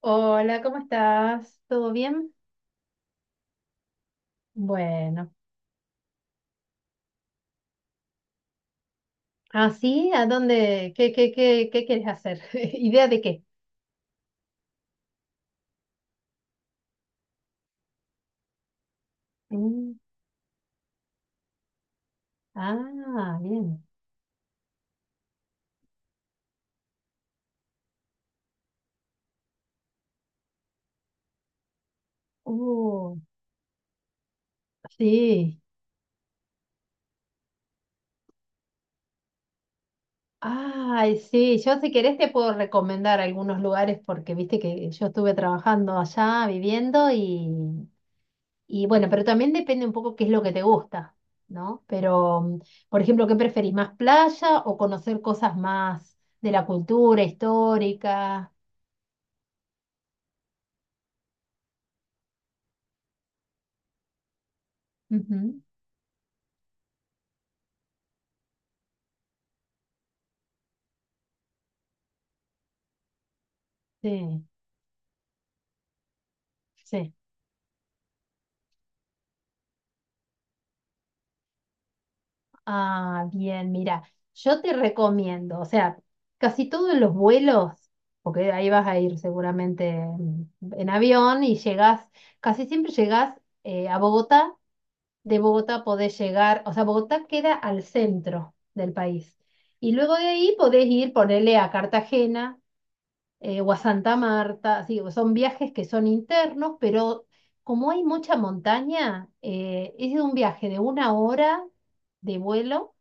Hola, ¿cómo estás? ¿Todo bien? Bueno, ¿Así? ¿A dónde? ¿Qué quieres hacer? ¿Idea de qué? Mm. Ah, bien. Uh, sí. Ay, sí. Yo si querés te puedo recomendar algunos lugares porque viste que yo estuve trabajando allá, viviendo y bueno, pero también depende un poco qué es lo que te gusta, ¿no? Pero, por ejemplo, ¿qué preferís? ¿Más playa o conocer cosas más de la cultura histórica? Ujú. Sí, sí. Ah, bien, mira, yo te recomiendo, o sea, casi todos los vuelos, porque ahí vas a ir seguramente en avión y llegás, casi siempre llegás a Bogotá, de Bogotá podés llegar, o sea, Bogotá queda al centro del país. Y luego de ahí podés ir, ponerle a Cartagena o a Santa Marta, sí, son viajes que son internos, pero como hay mucha montaña, es un viaje de una hora de vuelo,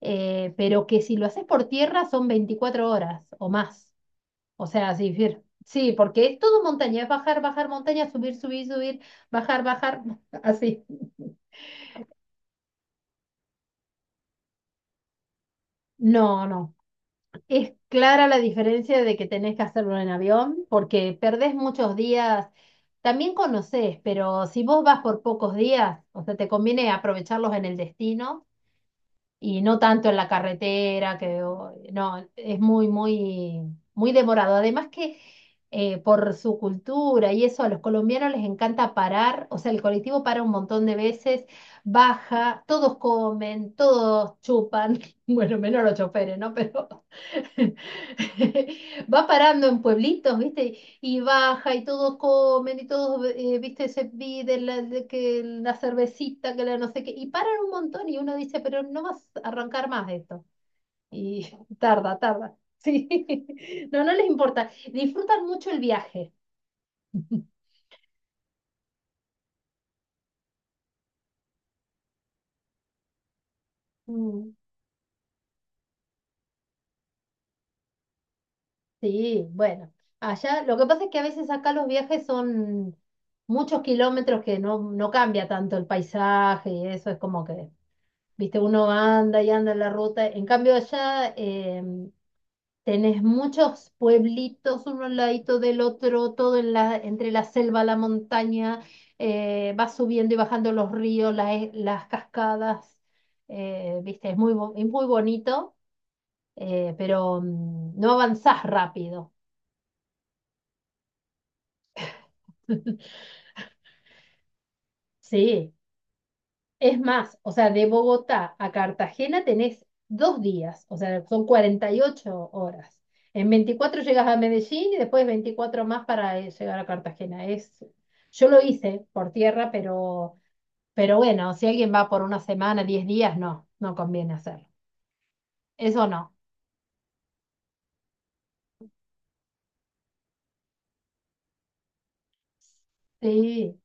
pero que si lo haces por tierra son 24 horas o más. O sea, sí, sí, porque es todo montaña, es bajar, bajar montaña, subir, subir, subir, bajar, bajar, así. No, no. Es clara la diferencia de que tenés que hacerlo en avión, porque perdés muchos días. También conocés, pero si vos vas por pocos días, o sea, te conviene aprovecharlos en el destino y no tanto en la carretera, que no, es muy, muy, muy demorado. Además que por su cultura y eso, a los colombianos les encanta parar, o sea, el colectivo para un montón de veces, baja, todos comen, todos chupan, bueno, menos los choferes, ¿no? Pero va parando en pueblitos, ¿viste? Y baja y todos comen y todos, viste, se piden la, de que la cervecita, que la no sé qué, y paran un montón y uno dice, pero no vas a arrancar más esto. Y tarda, tarda. Sí, no, no les importa. Disfrutan mucho el viaje. Mm. Sí, bueno, allá lo que pasa es que a veces acá los viajes son muchos kilómetros que no, no cambia tanto el paisaje y eso es como que, viste, uno anda y anda en la ruta. En cambio allá. Tenés muchos pueblitos uno al ladito del otro, todo en la, entre la selva, la montaña, vas subiendo y bajando los ríos, las cascadas, viste, es muy bonito, pero no avanzás rápido. Sí, es más, o sea, de Bogotá a Cartagena tenés 2 días, o sea, son 48 horas. En 24 llegas a Medellín y después 24 más para llegar a Cartagena. Es, yo lo hice por tierra, pero bueno, si alguien va por una semana, 10 días, no, no conviene hacerlo. Eso no. Sí,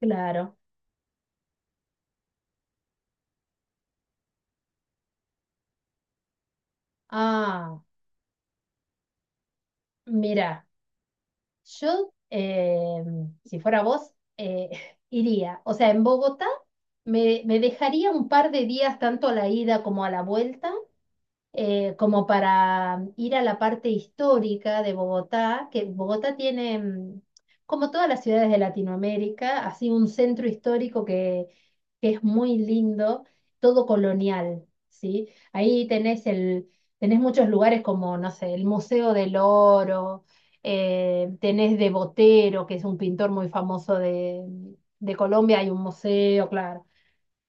claro. Ah, mira. Yo, si fuera vos, iría. O sea, en Bogotá me dejaría un par de días tanto a la ida como a la vuelta como para ir a la parte histórica de Bogotá, que Bogotá tiene, como todas las ciudades de Latinoamérica, así un centro histórico que es muy lindo, todo colonial, ¿sí? Ahí tenés el, tenés muchos lugares como, no sé, el Museo del Oro, tenés de Botero, que es un pintor muy famoso de Colombia, hay un museo, claro.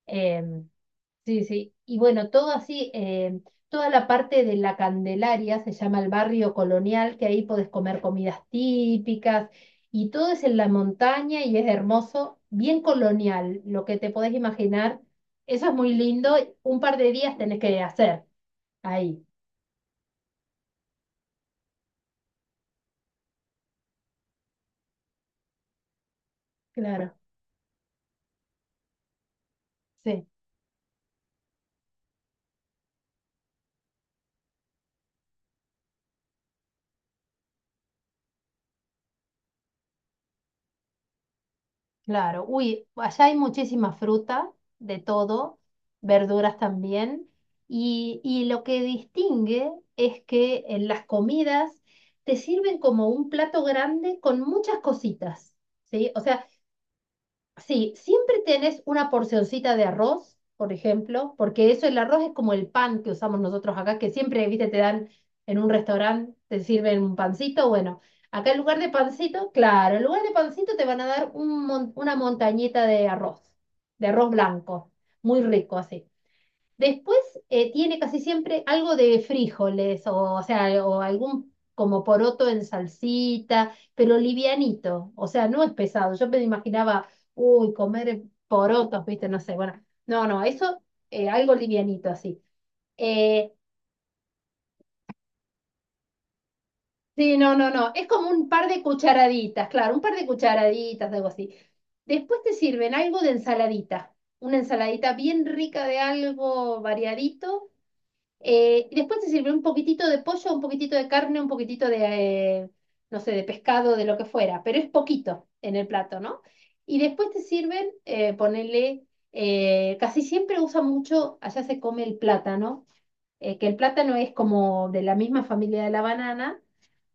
em, Sí, sí. Y bueno, todo así, toda la parte de la Candelaria se llama el barrio colonial, que ahí podés comer comidas típicas y todo es en la montaña y es hermoso, bien colonial, lo que te podés imaginar. Eso es muy lindo. Un par de días tenés que hacer ahí. Claro, sí. Claro, uy, allá hay muchísima fruta, de todo, verduras también, y lo que distingue es que en las comidas te sirven como un plato grande con muchas cositas, ¿sí? O sea, sí, siempre tenés una porcioncita de arroz, por ejemplo, porque eso, el arroz es como el pan que usamos nosotros acá, que siempre, viste, te dan en un restaurante, te sirven un pancito. Bueno, acá en lugar de pancito, claro, en lugar de pancito te van a dar una montañita de arroz blanco, muy rico así. Después tiene casi siempre algo de frijoles o sea, o algún como poroto en salsita, pero livianito, o sea, no es pesado. Yo me imaginaba, uy, comer porotos, viste, no sé, bueno, no, no, eso algo livianito así. Eh, sí, no, no, no, es como un par de cucharaditas, claro, un par de cucharaditas, algo así. Después te sirven algo de ensaladita, una ensaladita bien rica de algo variadito. Y después se sirvió un poquitito de pollo, un poquitito de carne, un poquitito de, eh, no sé, de pescado, de lo que fuera, pero es poquito en el plato, ¿no? Y después te sirven, ponele, casi siempre usan mucho, allá se come el plátano, que el plátano es como de la misma familia de la banana,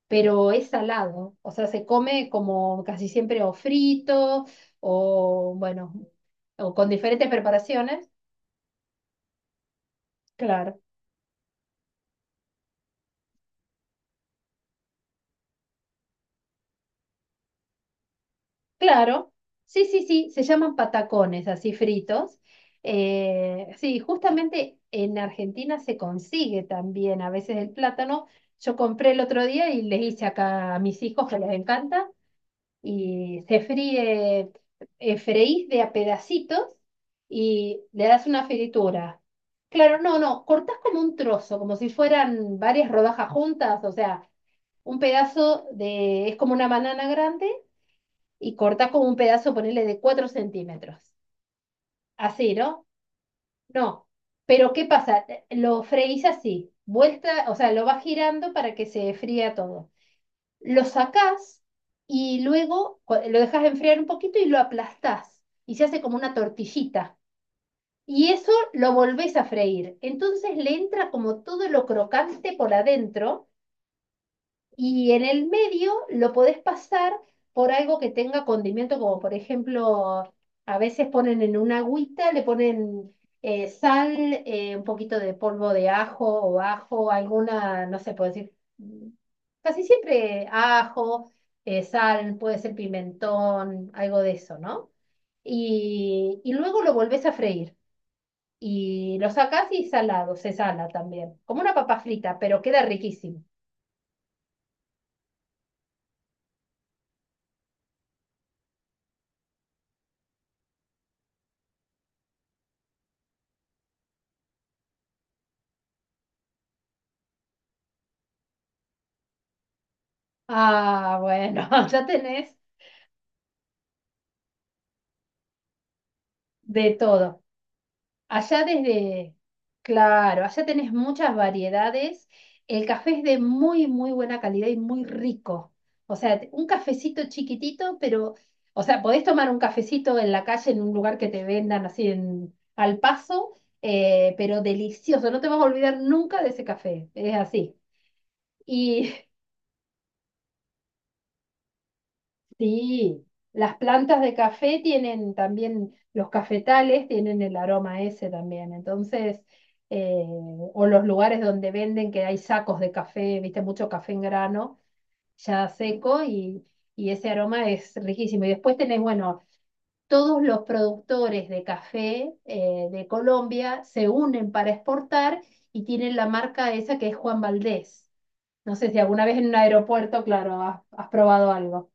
pero es salado, o sea, se come como casi siempre o frito, o bueno, o con diferentes preparaciones. Claro. Claro, sí, sí, sí, se llaman patacones, así fritos. Sí, justamente en Argentina se consigue también a veces el plátano. Yo compré el otro día y les hice acá a mis hijos que les encanta y se fríe, freís de a pedacitos y le das una fritura. Claro, no, no, cortás como un trozo, como si fueran varias rodajas juntas, o sea, un pedazo de, es como una banana grande y cortás como un pedazo, ponerle de 4 centímetros. Así, ¿no? No. Pero ¿qué pasa? Lo freís así, vuelta, o sea, lo vas girando para que se fría todo. Lo sacás y luego lo dejas enfriar un poquito y lo aplastás y se hace como una tortillita. Y eso lo volvés a freír. Entonces le entra como todo lo crocante por adentro y en el medio lo podés pasar por algo que tenga condimento, como por ejemplo, a veces ponen en una agüita, le ponen sal, un poquito de polvo de ajo o ajo, alguna, no sé, puedo decir, casi siempre ajo, sal, puede ser pimentón, algo de eso, ¿no? Y luego lo volvés a freír y lo sacás y salado, se sala también, como una papa frita, pero queda riquísimo. Ah, bueno, ya tenés de todo. Allá desde, claro, allá tenés muchas variedades. El café es de muy, muy buena calidad y muy rico. O sea, un cafecito chiquitito, pero, o sea, podés tomar un cafecito en la calle, en un lugar que te vendan así en, al paso, pero delicioso. No te vas a olvidar nunca de ese café. Es así. Y sí, las plantas de café tienen también, los cafetales tienen el aroma ese también, entonces, o los lugares donde venden que hay sacos de café, viste, mucho café en grano, ya seco, y ese aroma es riquísimo. Y después tenés, bueno, todos los productores de café de Colombia se unen para exportar y tienen la marca esa que es Juan Valdés. No sé si alguna vez en un aeropuerto, claro, has probado algo.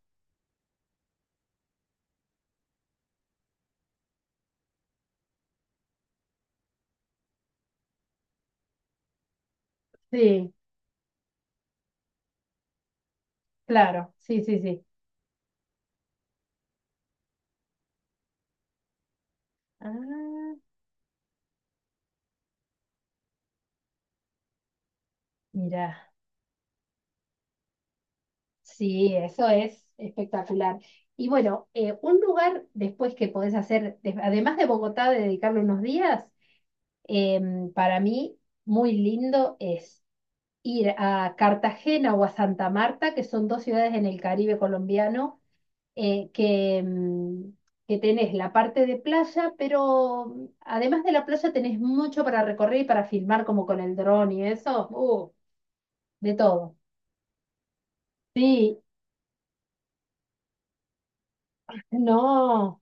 Sí. Claro, sí, sí, sí. Ah, mira, sí, eso es espectacular. Y bueno, un lugar después que podés hacer, además de Bogotá, de dedicarle unos días, para mí muy lindo es ir a Cartagena o a Santa Marta, que son dos ciudades en el Caribe colombiano, que, que tenés la parte de playa, pero además de la playa tenés mucho para recorrer y para filmar como con el dron y eso, de todo. Sí, no,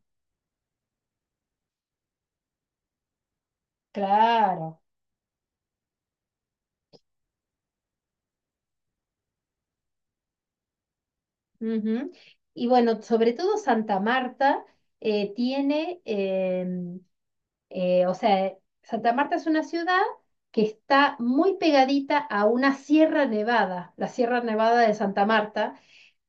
claro. Ujú. Y bueno, sobre todo Santa Marta tiene, o sea, Santa Marta es una ciudad que está muy pegadita a una sierra nevada, la Sierra Nevada de Santa Marta,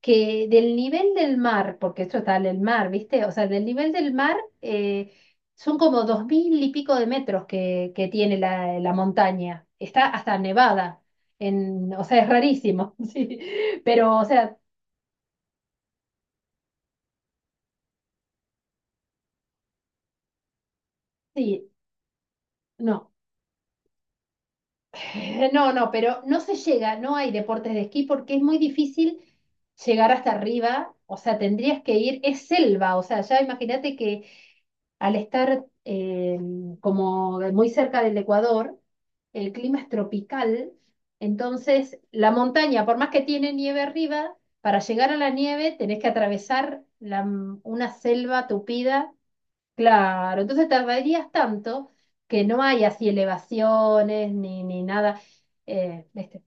que del nivel del mar, porque esto está en el mar, ¿viste? O sea, del nivel del mar son como dos mil y pico de metros que tiene la montaña. Está hasta nevada. O sea, es rarísimo, sí. Pero, o sea, sí, no. No, no, pero no se llega, no hay deportes de esquí porque es muy difícil llegar hasta arriba. O sea, tendrías que ir, es selva, o sea, ya imagínate que al estar como muy cerca del Ecuador, el clima es tropical, entonces la montaña, por más que tiene nieve arriba, para llegar a la nieve tenés que atravesar una selva tupida. Claro, entonces tardarías tanto que no hay así elevaciones ni nada. Este,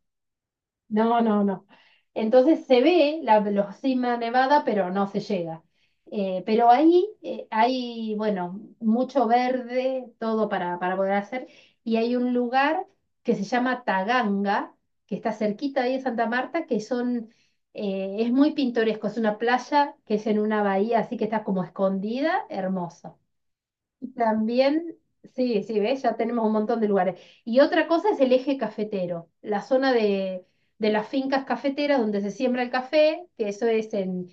no, no, no. Entonces se ve la, la cima nevada, pero no se llega. Pero ahí hay, bueno, mucho verde, todo para poder hacer. Y hay un lugar que se llama Taganga, que está cerquita ahí de Santa Marta, que son, es muy pintoresco. Es una playa que es en una bahía, así que está como escondida, hermoso. También, sí, sí, ¿ves? Ya tenemos un montón de lugares. Y otra cosa es el eje cafetero, la zona de las fincas cafeteras donde se siembra el café, que eso es en,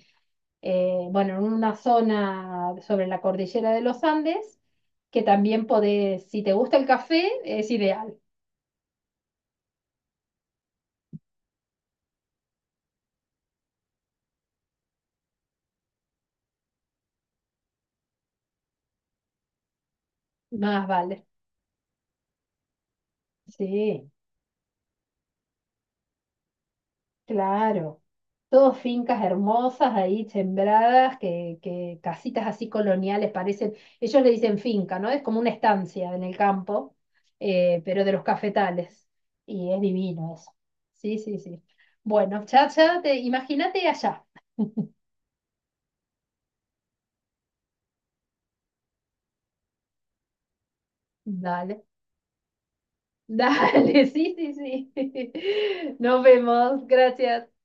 bueno, en una zona sobre la cordillera de los Andes, que también podés, si te gusta el café, es ideal, más vale. Sí. Claro, todos fincas hermosas ahí sembradas, que casitas así coloniales parecen, ellos le dicen finca, ¿no? Es como una estancia en el campo, pero de los cafetales. Y es divino eso. Sí, sí, sí. Bueno, chacha, te, imagínate allá. Dale, dale, sí, sí, sí. Nos vemos, gracias.